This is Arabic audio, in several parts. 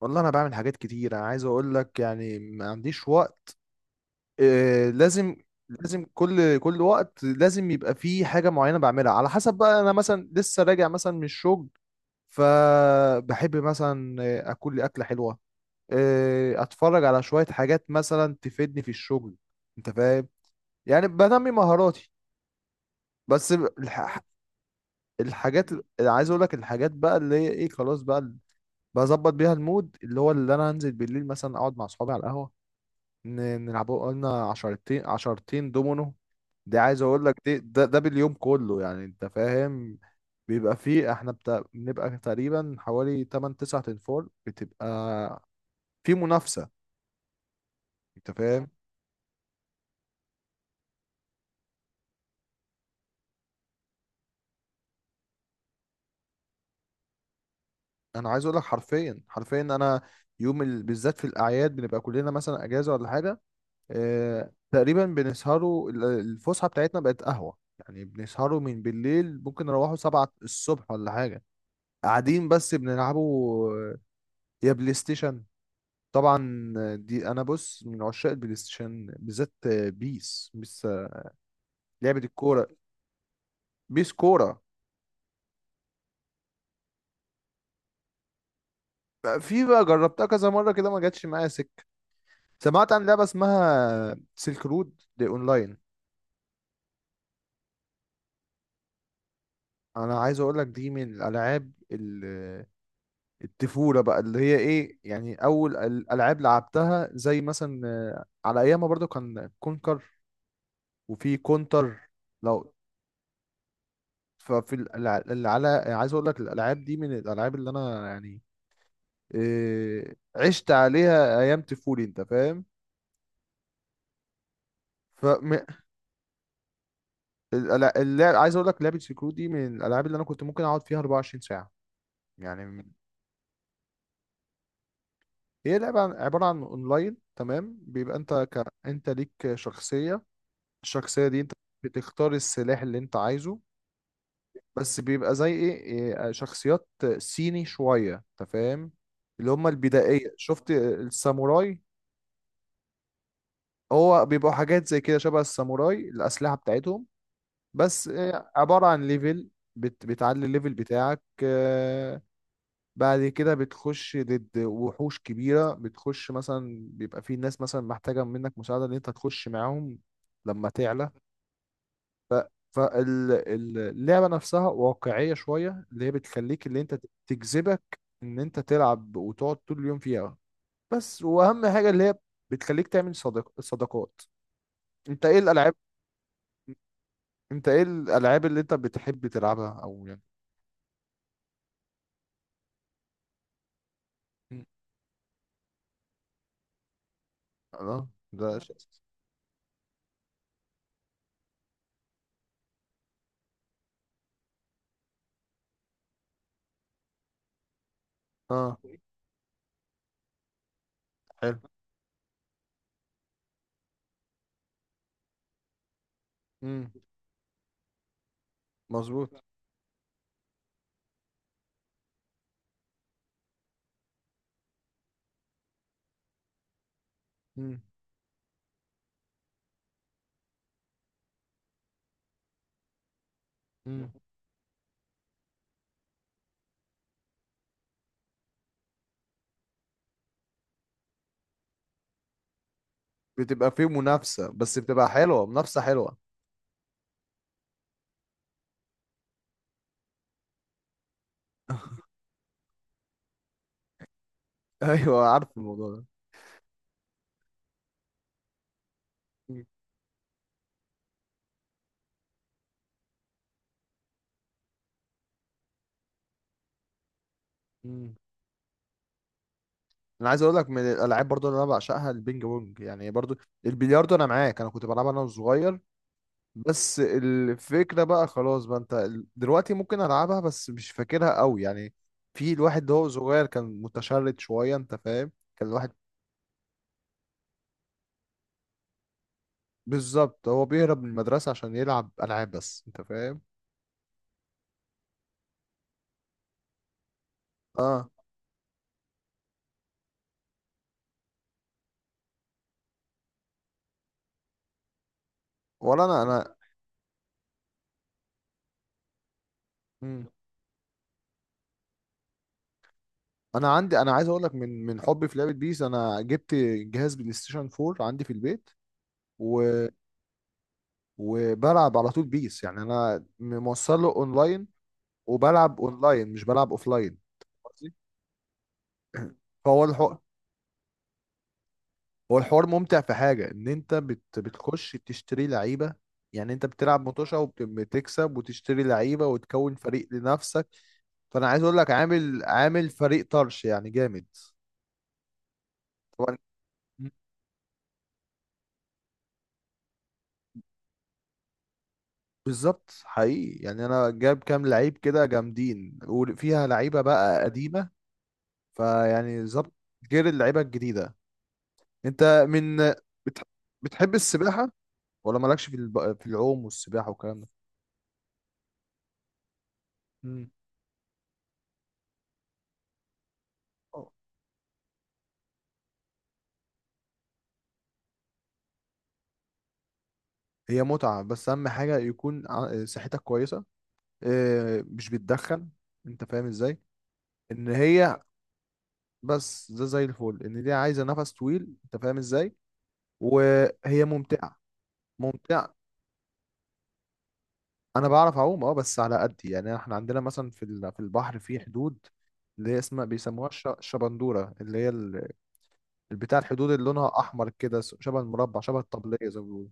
والله انا بعمل حاجات كتير. انا عايز اقول لك يعني ما عنديش وقت. آه لازم. لازم كل وقت لازم يبقى فيه حاجة معينة بعملها. على حسب بقى، انا مثلا لسه راجع مثلا من الشغل. فبحب مثلا اكل لي اكلة حلوة. اتفرج على شوية حاجات مثلا تفيدني في الشغل. انت فاهم؟ يعني بنمي مهاراتي. بس الحاجات اللي عايز اقول لك الحاجات بقى اللي هي ايه خلاص بقى، بظبط بيها المود اللي هو اللي انا هنزل بالليل مثلا اقعد مع اصحابي على القهوة. نلعبوا قلنا عشرتين عشرتين دومينو. دي عايز اقول لك دي ده باليوم كله يعني. انت فاهم؟ بيبقى فيه احنا بنبقى تقريبا حوالي 8 9 تنفور. بتبقى في منافسة. انت فاهم؟ انا عايز اقول لك حرفيا حرفيا انا يوم بالذات في الاعياد بنبقى كلنا مثلا اجازة ولا حاجة. اه... تقريبا بنسهروا الفسحة بتاعتنا بقت قهوة يعني. بنسهروا من بالليل ممكن نروحوا سبعة الصبح ولا حاجة. قاعدين بس بنلعبوا يا بلاي ستيشن. طبعا دي انا بص من عشاق البلاي ستيشن بالذات. بيس بيس. لعبة الكورة. بيس كورة. في بقى جربتها كذا مرة كده ما جاتش معايا سكة. سمعت عن لعبة اسمها سيلك رود دي اونلاين. انا عايز اقول لك دي من الالعاب الطفولة بقى اللي هي ايه، يعني اول الالعاب لعبتها زي مثلا على ايامها برضو كان كونكر وفي كونتر. لو ففي الع- الع- عايز اقول لك الالعاب دي من الالعاب اللي انا يعني عشت عليها ايام طفولي. انت فاهم؟ ف اللعب عايز اقول لك لعبه سكرو دي من الالعاب اللي انا كنت ممكن اقعد فيها 24 ساعه يعني هي لعبه عباره عن اونلاين. تمام بيبقى انت ليك شخصيه. الشخصيه دي انت بتختار السلاح اللي انت عايزه. بس بيبقى زي ايه شخصيات صيني شويه. انت فاهم؟ اللي هم البدائيه شفت الساموراي. هو بيبقوا حاجات زي كده شبه الساموراي. الاسلحه بتاعتهم بس عبارة عن ليفل. بتعلي الليفل بتاعك. بعد كده بتخش ضد وحوش كبيرة. بتخش مثلا بيبقى في ناس مثلا محتاجة منك مساعدة ان انت تخش معاهم لما تعلى. فاللعبة نفسها واقعية شوية اللي هي بتخليك اللي انت تجذبك ان انت تلعب وتقعد طول اليوم فيها. بس واهم حاجة اللي هي بتخليك تعمل صداقات. انت ايه الالعاب انت ايه الالعاب اللي انت بتحب تلعبها او يعني؟ اه، ده شيء أساسي. اه حلو. امم. مظبوط. امم. امم. بتبقى فيه منافسة، بس بتبقى حلوة. منافسة حلوة. ايوه عارف الموضوع ده. مم. مم. انا عايز اقول لك من الالعاب برضو اللي انا بعشقها البينج بونج، يعني برضو البلياردو. انا معاك انا كنت بلعبها انا وصغير. بس الفكره بقى خلاص بقى انت دلوقتي ممكن العبها بس مش فاكرها قوي يعني. في الواحد ده هو صغير كان متشرد شويه. انت فاهم؟ كان الواحد بالظبط هو بيهرب من المدرسه عشان يلعب العاب بس. انت فاهم؟ اه ولا انا. انا مم. انا عندي انا عايز اقول لك من حبي في لعبه بيس انا جبت جهاز بلاي ستيشن 4 عندي في البيت، و... وبلعب على طول بيس. يعني انا موصله اونلاين وبلعب اونلاين مش بلعب اوفلاين. قصدي؟ فهو الحوار هو الحوار ممتع في حاجه ان انت بتخش تشتري لعيبه. يعني انت بتلعب مطوشه وبتكسب وتشتري لعيبه وتكون فريق لنفسك. فانا عايز اقول لك عامل فريق طرش يعني جامد. طبعا. بالظبط حقيقي يعني انا جاب كام لعيب كده جامدين، وفيها لعيبه بقى قديمه. فيعني ظبط غير اللعيبه الجديده. انت من بتح- بتحب السباحه؟ ولا مالكش في في العوم والسباحه والكلام ده؟ مم. آه. هي متعه بس اهم حاجه يكون صحتك كويسه. مش بتدخن؟ انت فاهم ازاي؟ ان هي بس ده زي الفل. ان دي عايزه نفس طويل. انت فاهم ازاي؟ وهي ممتعه. ممتعه. انا بعرف اعوم، اه بس على قدي يعني. احنا عندنا مثلا في في البحر في حدود اللي هي اسمها بيسموها الشبندوره اللي هي البتاع الحدود اللي لونها احمر كده شبه المربع شبه الطبليه زي ما بيقولوا.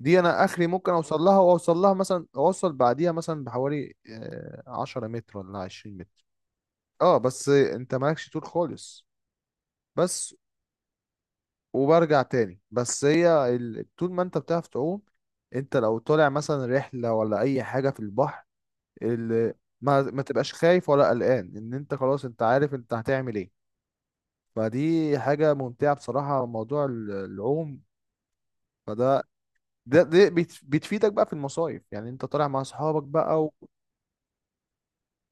دي انا اخري ممكن اوصل لها واوصل لها مثلا اوصل بعديها مثلا بحوالي 10 متر ولا 20 متر. اه بس انت مالكش طول خالص بس. وبرجع تاني. بس هي طول ما انت بتعرف تعوم انت لو طالع مثلا رحله ولا اي حاجه في البحر ال... ما تبقاش خايف ولا قلقان ان انت خلاص. انت عارف انت هتعمل ايه. فدي حاجة ممتعة بصراحة، موضوع العوم. فده بتفيدك بقى في المصايف، يعني انت طالع مع اصحابك بقى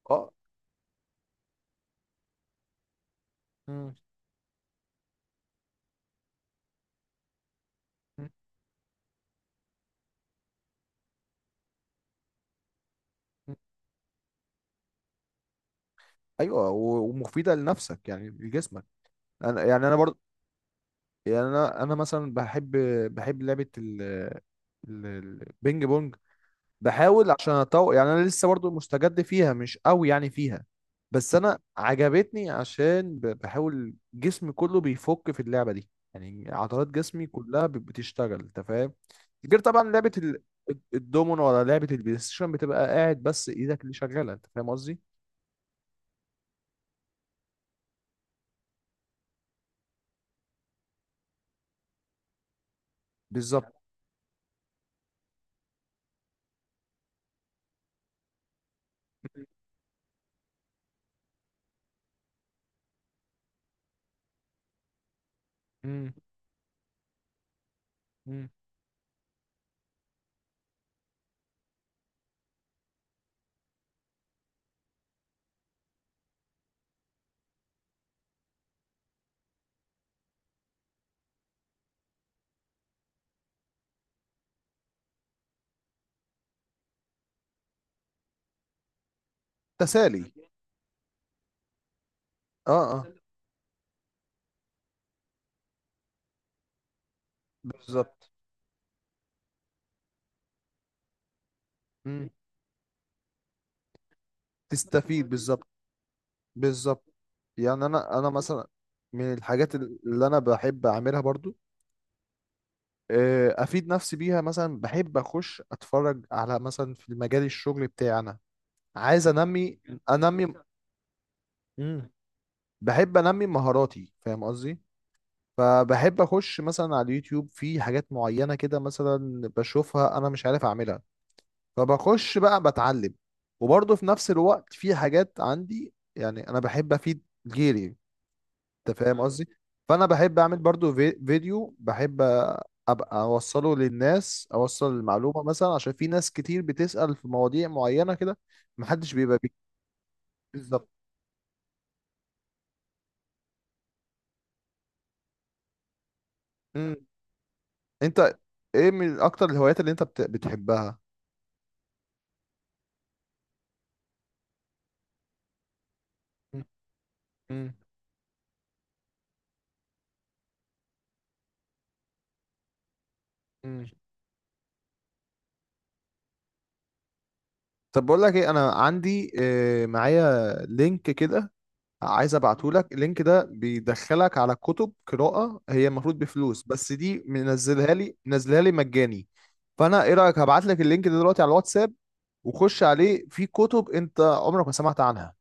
اه. مم. مم. ايوه و- ومفيدة لنفسك يعني لجسمك. انا يعني انا برضه يعني انا مثلا بحب لعبة ال- البينج بونج. بحاول عشان اطور يعني، انا لسه برضو مستجد فيها مش قوي يعني فيها. بس انا عجبتني عشان بحاول جسمي كله بيفك في اللعبة دي. يعني عضلات جسمي كلها بتشتغل. انت فاهم؟ غير طبعا لعبة الدومينو ولا لعبة البلاي ستيشن بتبقى قاعد بس ايدك اللي شغالة. انت فاهم قصدي؟ بالظبط. مم. مم. تسالي. اه اه. بالظبط. مم. تستفيد بالظبط. بالظبط. يعني انا مثلا من الحاجات اللي انا بحب اعملها برضو، افيد نفسي بيها. مثلا بحب اخش اتفرج على مثلا في المجال الشغل بتاعنا. عايز انمي. مم. بحب انمي مهاراتي. فاهم قصدي؟ فبحب اخش مثلا على اليوتيوب في حاجات معينة كده مثلا بشوفها انا مش عارف اعملها، فبخش بقى بتعلم. وبرضه في نفس الوقت في حاجات عندي، يعني انا بحب افيد غيري. انت فاهم قصدي؟ فانا بحب اعمل برضو فيديو بحب ابقى اوصله للناس اوصل المعلومه. مثلا عشان في ناس كتير بتسال في مواضيع معينه كده محدش بيبقى بالظبط. مم. انت ايه من اكتر الهوايات اللي انت بتحبها؟ مم. مم. مم. طب بقول لك ايه. انا عندي معايا لينك كده عايز ابعتهولك. اللينك ده بيدخلك على كتب قراءة، هي المفروض بفلوس، بس دي منزلها لي مجاني. فانا ايه رأيك هبعت لك اللينك ده دلوقتي على الواتساب وخش عليه في كتب انت عمرك ما سمعت عنها.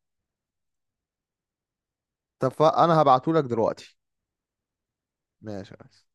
طب فانا هبعتهولك دلوقتي. ماشي يا ريس.